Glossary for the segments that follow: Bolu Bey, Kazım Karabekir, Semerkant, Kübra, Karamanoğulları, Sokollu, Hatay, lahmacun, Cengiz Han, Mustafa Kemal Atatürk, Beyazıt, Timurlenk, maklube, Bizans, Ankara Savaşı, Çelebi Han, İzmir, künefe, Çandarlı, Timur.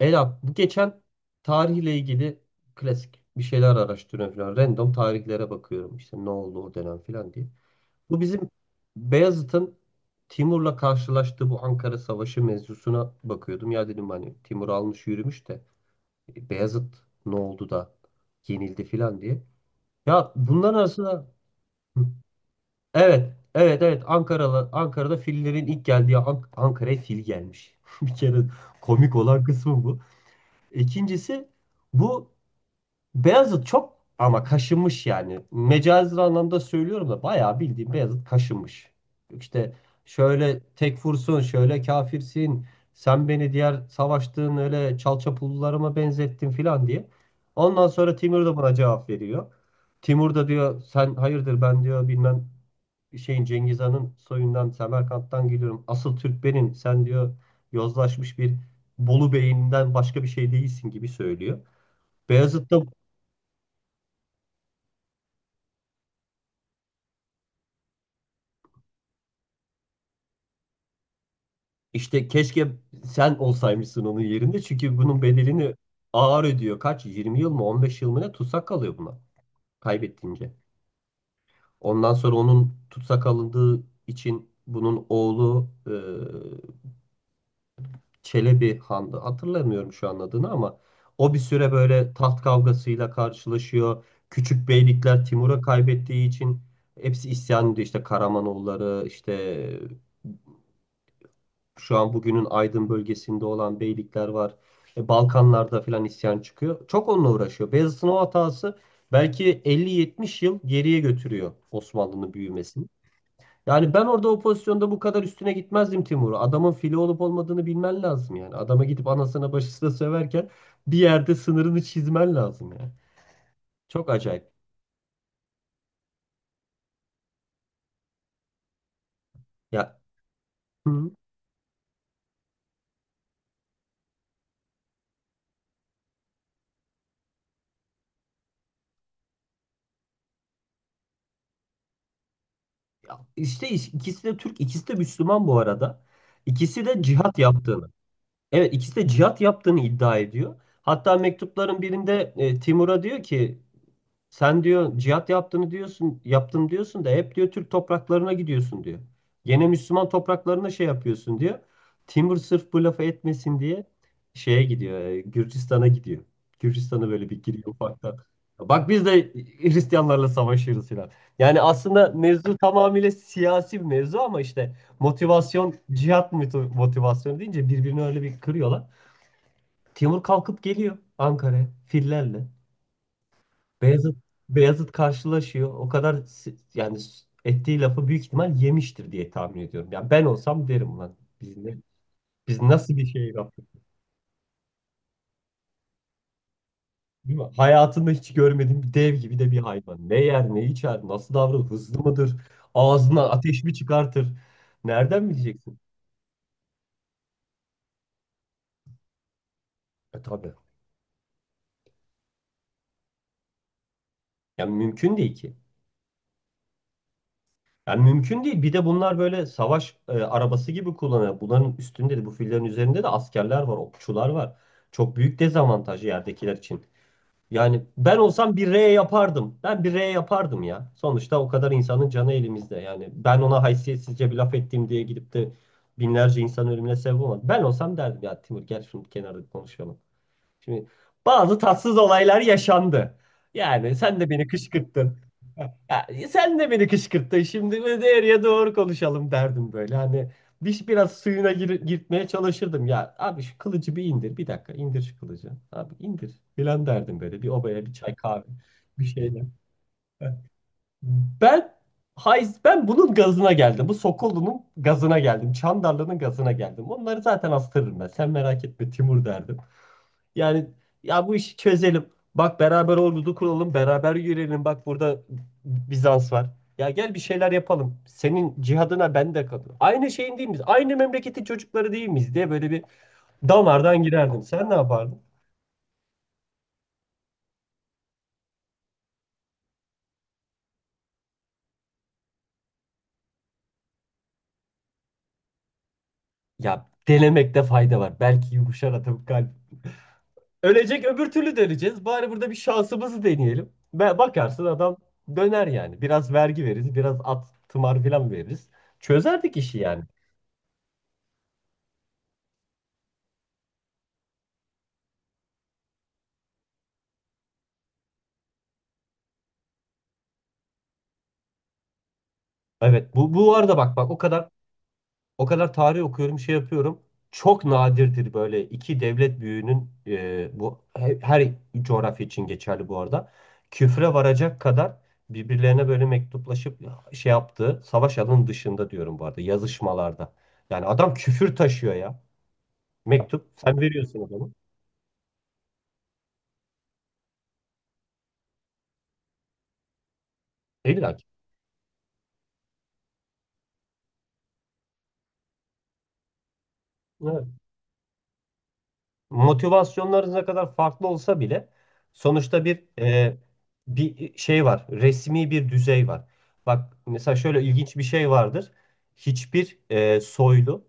Ela, bu geçen tarihle ilgili klasik bir şeyler araştırıyorum falan. Random tarihlere bakıyorum işte ne oldu o dönem falan diye. Bu bizim Beyazıt'ın Timur'la karşılaştığı bu Ankara Savaşı mevzusuna bakıyordum. Ya dedim hani Timur almış yürümüş de Beyazıt ne oldu da yenildi falan diye. Ya bunların arasında. Hı. Evet, evet, evet, Ankara'da Ankara'da fillerin ilk geldiği Ankara'ya fil gelmiş. Bir kere komik olan kısmı bu. İkincisi bu Beyazıt çok ama kaşınmış yani. Mecazi anlamda söylüyorum da bayağı bildiğim Beyazıt kaşınmış. İşte şöyle tekfursun, şöyle kafirsin, sen beni diğer savaştığın öyle çalçapullularıma benzettin filan diye. Ondan sonra Timur da buna cevap veriyor. Timur da diyor sen hayırdır, ben diyor bilmem şeyin Cengiz Han'ın soyundan Semerkant'tan geliyorum. Asıl Türk benim. Sen diyor yozlaşmış bir Bolu Bey'inden başka bir şey değilsin gibi söylüyor. Beyazıt da. İşte keşke sen olsaymışsın onun yerinde. Çünkü bunun bedelini ağır ödüyor. Kaç? 20 yıl mı, 15 yıl mı ne tutsak kalıyor buna kaybettiğince. Ondan sonra onun tutsak alındığı için bunun oğlu Çelebi Han'dı. Hatırlamıyorum şu an adını, ama o bir süre böyle taht kavgasıyla karşılaşıyor. Küçük beylikler Timur'a kaybettiği için hepsi isyan ediyor. İşte Karamanoğulları, işte şu an bugünün Aydın bölgesinde olan beylikler var. Balkanlarda falan isyan çıkıyor. Çok onunla uğraşıyor. Beyazıt'ın o hatası belki 50-70 yıl geriye götürüyor Osmanlı'nın büyümesini. Yani ben orada o pozisyonda bu kadar üstüne gitmezdim Timur'u. Adamın fili olup olmadığını bilmen lazım yani. Adama gidip anasına başısına söverken bir yerde sınırını çizmen lazım yani. Çok acayip. Ya, hı. Ya işte ikisi de Türk, ikisi de Müslüman bu arada. İkisi de cihat yaptığını. Evet ikisi de cihat yaptığını iddia ediyor. Hatta mektupların birinde Timur'a diyor ki sen diyor cihat yaptığını diyorsun, yaptım diyorsun da hep diyor Türk topraklarına gidiyorsun diyor. Gene Müslüman topraklarına şey yapıyorsun diyor. Timur sırf bu lafı etmesin diye şeye gidiyor, Gürcistan'a gidiyor. Gürcistan'a böyle bir giriyor ufaktan. Bak biz de Hristiyanlarla savaşıyoruz falan. Yani aslında mevzu tamamıyla siyasi bir mevzu, ama işte motivasyon, cihat motivasyonu deyince birbirini öyle bir kırıyorlar. Timur kalkıp geliyor Ankara'ya fillerle. Beyazıt Beyazıt karşılaşıyor. O kadar yani ettiği lafı büyük ihtimal yemiştir diye tahmin ediyorum. Yani ben olsam derim lan biz nasıl bir şey yaptık? Değil mi? Hayatımda hiç görmediğim bir dev gibi de bir hayvan. Ne yer, ne içer, nasıl davranır, hızlı mıdır? Ağzına ateş mi çıkartır? Nereden bileceksin? E tabii. Yani mümkün değil ki. Yani mümkün değil. Bir de bunlar böyle savaş arabası gibi kullanıyor. Bunların üstünde de, bu fillerin üzerinde de askerler var, okçular var. Çok büyük dezavantaj yerdekiler için. Yani ben olsam bir R yapardım. Ben bir R yapardım ya. Sonuçta o kadar insanın canı elimizde. Yani ben ona haysiyetsizce bir laf ettiğim diye gidip de binlerce insan ölümüne sebep olmadım. Ben olsam derdim ya Timur gel şunu bir kenarda bir konuşalım. Şimdi bazı tatsız olaylar yaşandı. Yani sen de beni kışkırttın. Ya, sen de beni kışkırttın şimdi, böyle doğruya doğru konuşalım derdim böyle. Hani bir, biraz suyuna girtmeye çalışırdım. Ya abi şu kılıcı bir indir, bir dakika indir şu kılıcı. Abi indir filan derdim, böyle bir obaya bir çay kahve bir şeyler. Ben ben bunun gazına geldim. Bu Sokollu'nun gazına geldim. Çandarlı'nın gazına geldim. Onları zaten astırırım ben. Sen merak etme Timur derdim. Yani ya bu işi çözelim. Bak beraber ordu kuralım, beraber yürüyelim. Bak burada Bizans var. Ya gel bir şeyler yapalım. Senin cihadına ben de katılırım. Aynı şeyin değil miyiz? Aynı memleketin çocukları değil miyiz diye böyle bir damardan girerdim. Sen ne yapardın? Ya denemekte fayda var. Belki yumuşar atıp kalp. Ölecek öbür türlü de. Bari burada bir şansımızı deneyelim. Ve bakarsın adam döner yani. Biraz vergi veririz, biraz at, tımar falan veririz. Çözerdik işi yani. Evet, bu arada bak bak O kadar tarih okuyorum, şey yapıyorum. Çok nadirdir böyle iki devlet büyüğünün, her coğrafya için geçerli bu arada. Küfre varacak kadar birbirlerine böyle mektuplaşıp şey yaptığı, savaş alanı dışında diyorum bu arada, yazışmalarda. Yani adam küfür taşıyor ya. Mektup sen veriyorsun adamı. İlla ki. Motivasyonlarınız ne kadar farklı olsa bile sonuçta bir şey var. Resmi bir düzey var. Bak mesela şöyle ilginç bir şey vardır. Hiçbir soylu,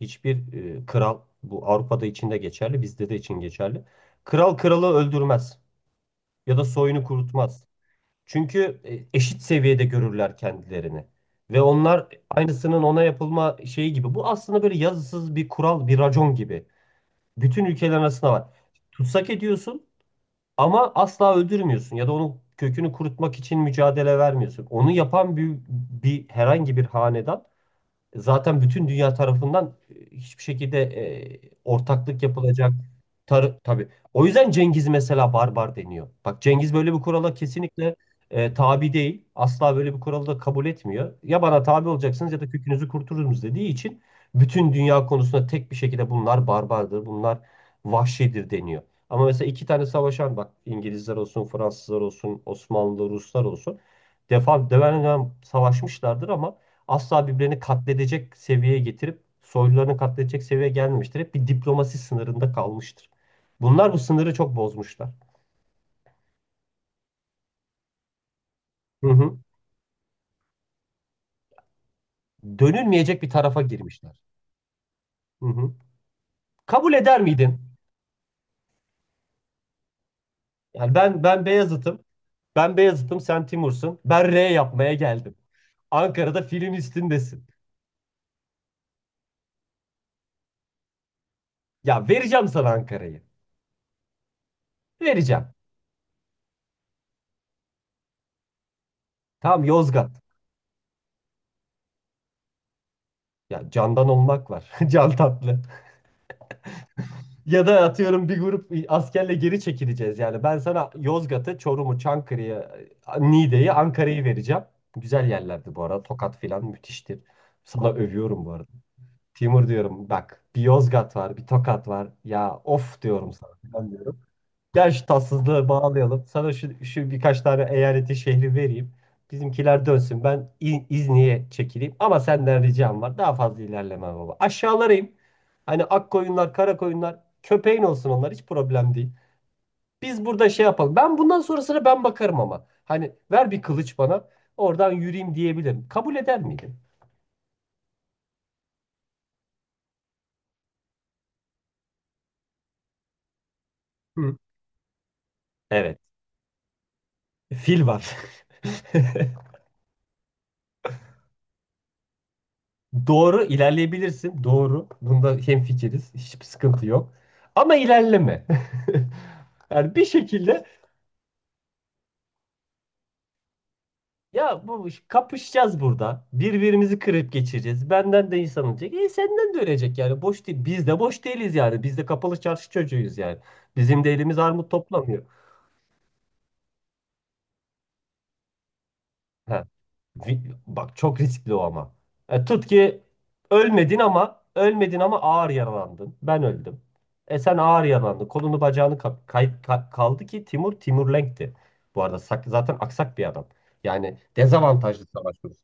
hiçbir kral, bu Avrupa'da için de geçerli, bizde de için geçerli. Kral kralı öldürmez ya da soyunu kurutmaz. Çünkü eşit seviyede görürler kendilerini. Ve onlar aynısının ona yapılma şeyi gibi. Bu aslında böyle yazısız bir kural, bir racon gibi. Bütün ülkeler arasında var. Tutsak ediyorsun ama asla öldürmüyorsun, ya da onun kökünü kurutmak için mücadele vermiyorsun. Onu yapan bir herhangi bir hanedan zaten bütün dünya tarafından hiçbir şekilde ortaklık yapılacak tabii. O yüzden Cengiz mesela barbar deniyor. Bak Cengiz böyle bir kurala kesinlikle tabi değil. Asla böyle bir kuralı da kabul etmiyor. Ya bana tabi olacaksınız, ya da kökünüzü kurtururuz dediği için bütün dünya konusunda tek bir şekilde bunlar barbardır, bunlar vahşidir deniyor. Ama mesela iki tane savaşan, bak İngilizler olsun, Fransızlar olsun, Osmanlı, Ruslar olsun defa devam savaşmışlardır ama asla birbirini katledecek seviyeye getirip soylularını katledecek seviyeye gelmemiştir. Hep bir diplomasi sınırında kalmıştır. Bunlar bu sınırı çok bozmuşlar. Hı hı. Dönülmeyecek bir tarafa girmişler. Hı hı. Kabul eder miydin? Yani ben Beyazıt'ım. Ben Beyazıt'ım, sen Timur'sun. Ben R yapmaya geldim. Ankara'da film. Ya vereceğim sana Ankara'yı. Vereceğim. Tamam, Yozgat. Ya candan olmak var. Can tatlı. Ya da atıyorum bir grup askerle geri çekileceğiz yani. Ben sana Yozgat'ı, Çorum'u, Çankırı'yı, Niğde'yi, Ankara'yı vereceğim. Güzel yerlerdi bu arada. Tokat filan müthiştir. Sana övüyorum bu arada. Timur diyorum bak bir Yozgat var, bir Tokat var. Ya of diyorum sana falan diyorum. Gel şu tatsızlığı bağlayalım. Sana şu birkaç tane eyaleti şehri vereyim. Bizimkiler dönsün. Ben İzni'ye çekileyim. Ama senden ricam var. Daha fazla ilerleme baba. Aşağılara in. Hani ak koyunlar, kara koyunlar. Köpeğin olsun onlar. Hiç problem değil. Biz burada şey yapalım. Ben bundan sonrasına ben bakarım ama. Hani ver bir kılıç bana. Oradan yürüyeyim diyebilirim. Kabul eder miydin? Hı. Evet. Fil var. Doğru ilerleyebilirsin. Doğru. Bunda hemfikiriz. Hiçbir sıkıntı yok. Ama ilerleme. Yani bir şekilde ya bu kapışacağız burada. Birbirimizi kırıp geçireceğiz. Benden de insan olacak. E senden de ölecek yani. Boş değil. Biz de boş değiliz yani. Biz de kapalı çarşı çocuğuyuz yani. Bizim de elimiz armut toplamıyor. Ha. Vi- Bak çok riskli o ama. Tut ki ölmedin, ama ağır yaralandın. Ben öldüm. E sen ağır yaralandın. Kolunu bacağını kaldı ki Timurlenk'ti. Bu arada zaten aksak bir adam. Yani dezavantajlı savaşıyoruz.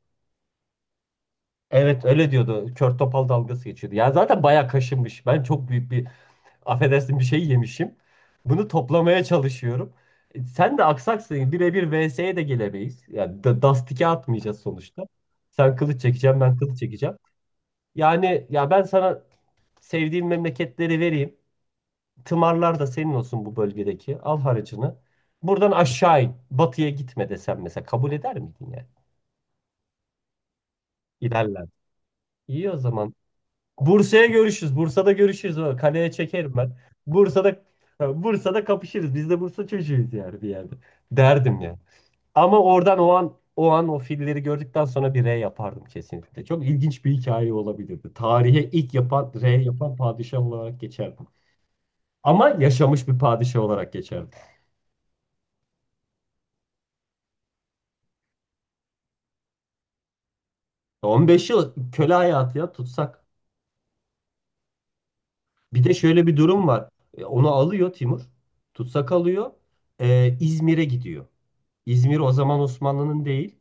Evet öyle diyordu. Kör topal dalgası geçiyordu. Yani zaten bayağı kaşınmış. Ben çok büyük bir, affedersin, bir şey yemişim. Bunu toplamaya çalışıyorum. Sen de aksaksın. Birebir VS'ye de gelemeyiz. Yani dastike atmayacağız sonuçta. Sen kılıç çekeceğim, ben kılıç çekeceğim. Yani ya ben sana sevdiğim memleketleri vereyim. Tımarlar da senin olsun bu bölgedeki. Al harcını. Buradan aşağı in. Batıya gitme desem mesela kabul eder miydin yani? İlerler. İyi o zaman. Bursa'ya görüşürüz. Bursa'da görüşürüz. O Kaleye çekerim ben. Bursa'da Bursa'da kapışırız. Biz de Bursa çocuğuyuz yani bir yerde. Derdim ya. Ama oradan o an o filleri gördükten sonra bir R yapardım kesinlikle. Çok ilginç bir hikaye olabilirdi. Tarihe ilk yapan R yapan padişah olarak geçerdim. Ama yaşamış bir padişah olarak geçerdim. 15 yıl köle hayatı ya tutsak. Bir de şöyle bir durum var. Onu alıyor Timur. Tutsak alıyor. İzmir'e gidiyor. İzmir o zaman Osmanlı'nın değil.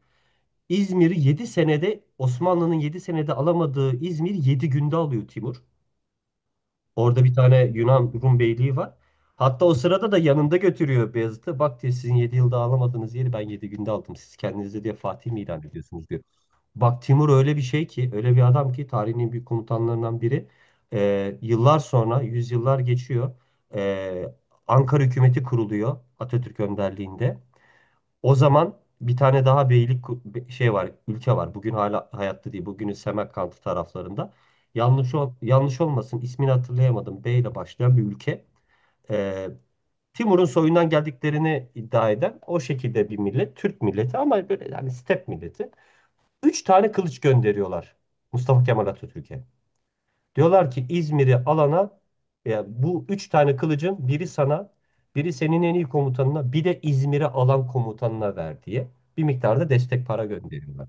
İzmir'i 7 senede Osmanlı'nın 7 senede alamadığı İzmir 7 günde alıyor Timur. Orada bir tane Yunan Rum beyliği var. Hatta o sırada da yanında götürüyor Beyazıt'ı. Bak diyor sizin 7 yılda alamadığınız yeri ben 7 günde aldım. Siz kendinize diye Fatih mi ilan ediyorsunuz diyor. Bak Timur öyle bir şey ki, öyle bir adam ki tarihin en büyük komutanlarından biri. Yıllar sonra yüzyıllar geçiyor. Ee, Ankara hükümeti kuruluyor Atatürk önderliğinde. O zaman bir tane daha beylik şey var, ülke var. Bugün hala hayatta değil. Bugünün Semerkant'ı taraflarında. Yanlış olmasın ismini hatırlayamadım. B ile başlayan bir ülke. Ee, Timur'un soyundan geldiklerini iddia eden o şekilde bir millet. Türk milleti ama böyle yani step milleti. Üç tane kılıç gönderiyorlar Mustafa Kemal Atatürk'e. Diyorlar ki İzmir'i alana ya bu üç tane kılıcın biri sana, biri senin en iyi komutanına, bir de İzmir'i alan komutanına ver diye bir miktarda destek para gönderiyorlar.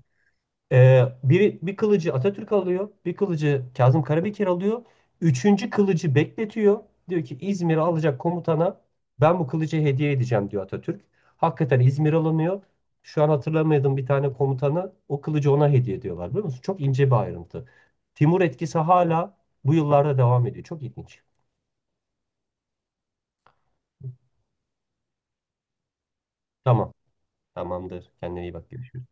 Bir kılıcı Atatürk alıyor, bir kılıcı Kazım Karabekir alıyor. Üçüncü kılıcı bekletiyor. Diyor ki İzmir'i alacak komutana ben bu kılıcı hediye edeceğim diyor Atatürk. Hakikaten İzmir alınıyor. Şu an hatırlamadığım bir tane komutana o kılıcı ona hediye ediyorlar biliyor musun? Çok ince bir ayrıntı. Timur etkisi hala bu yıllarda devam ediyor. Çok ilginç. Tamam, tamamdır. Kendine iyi bak. Görüşürüz.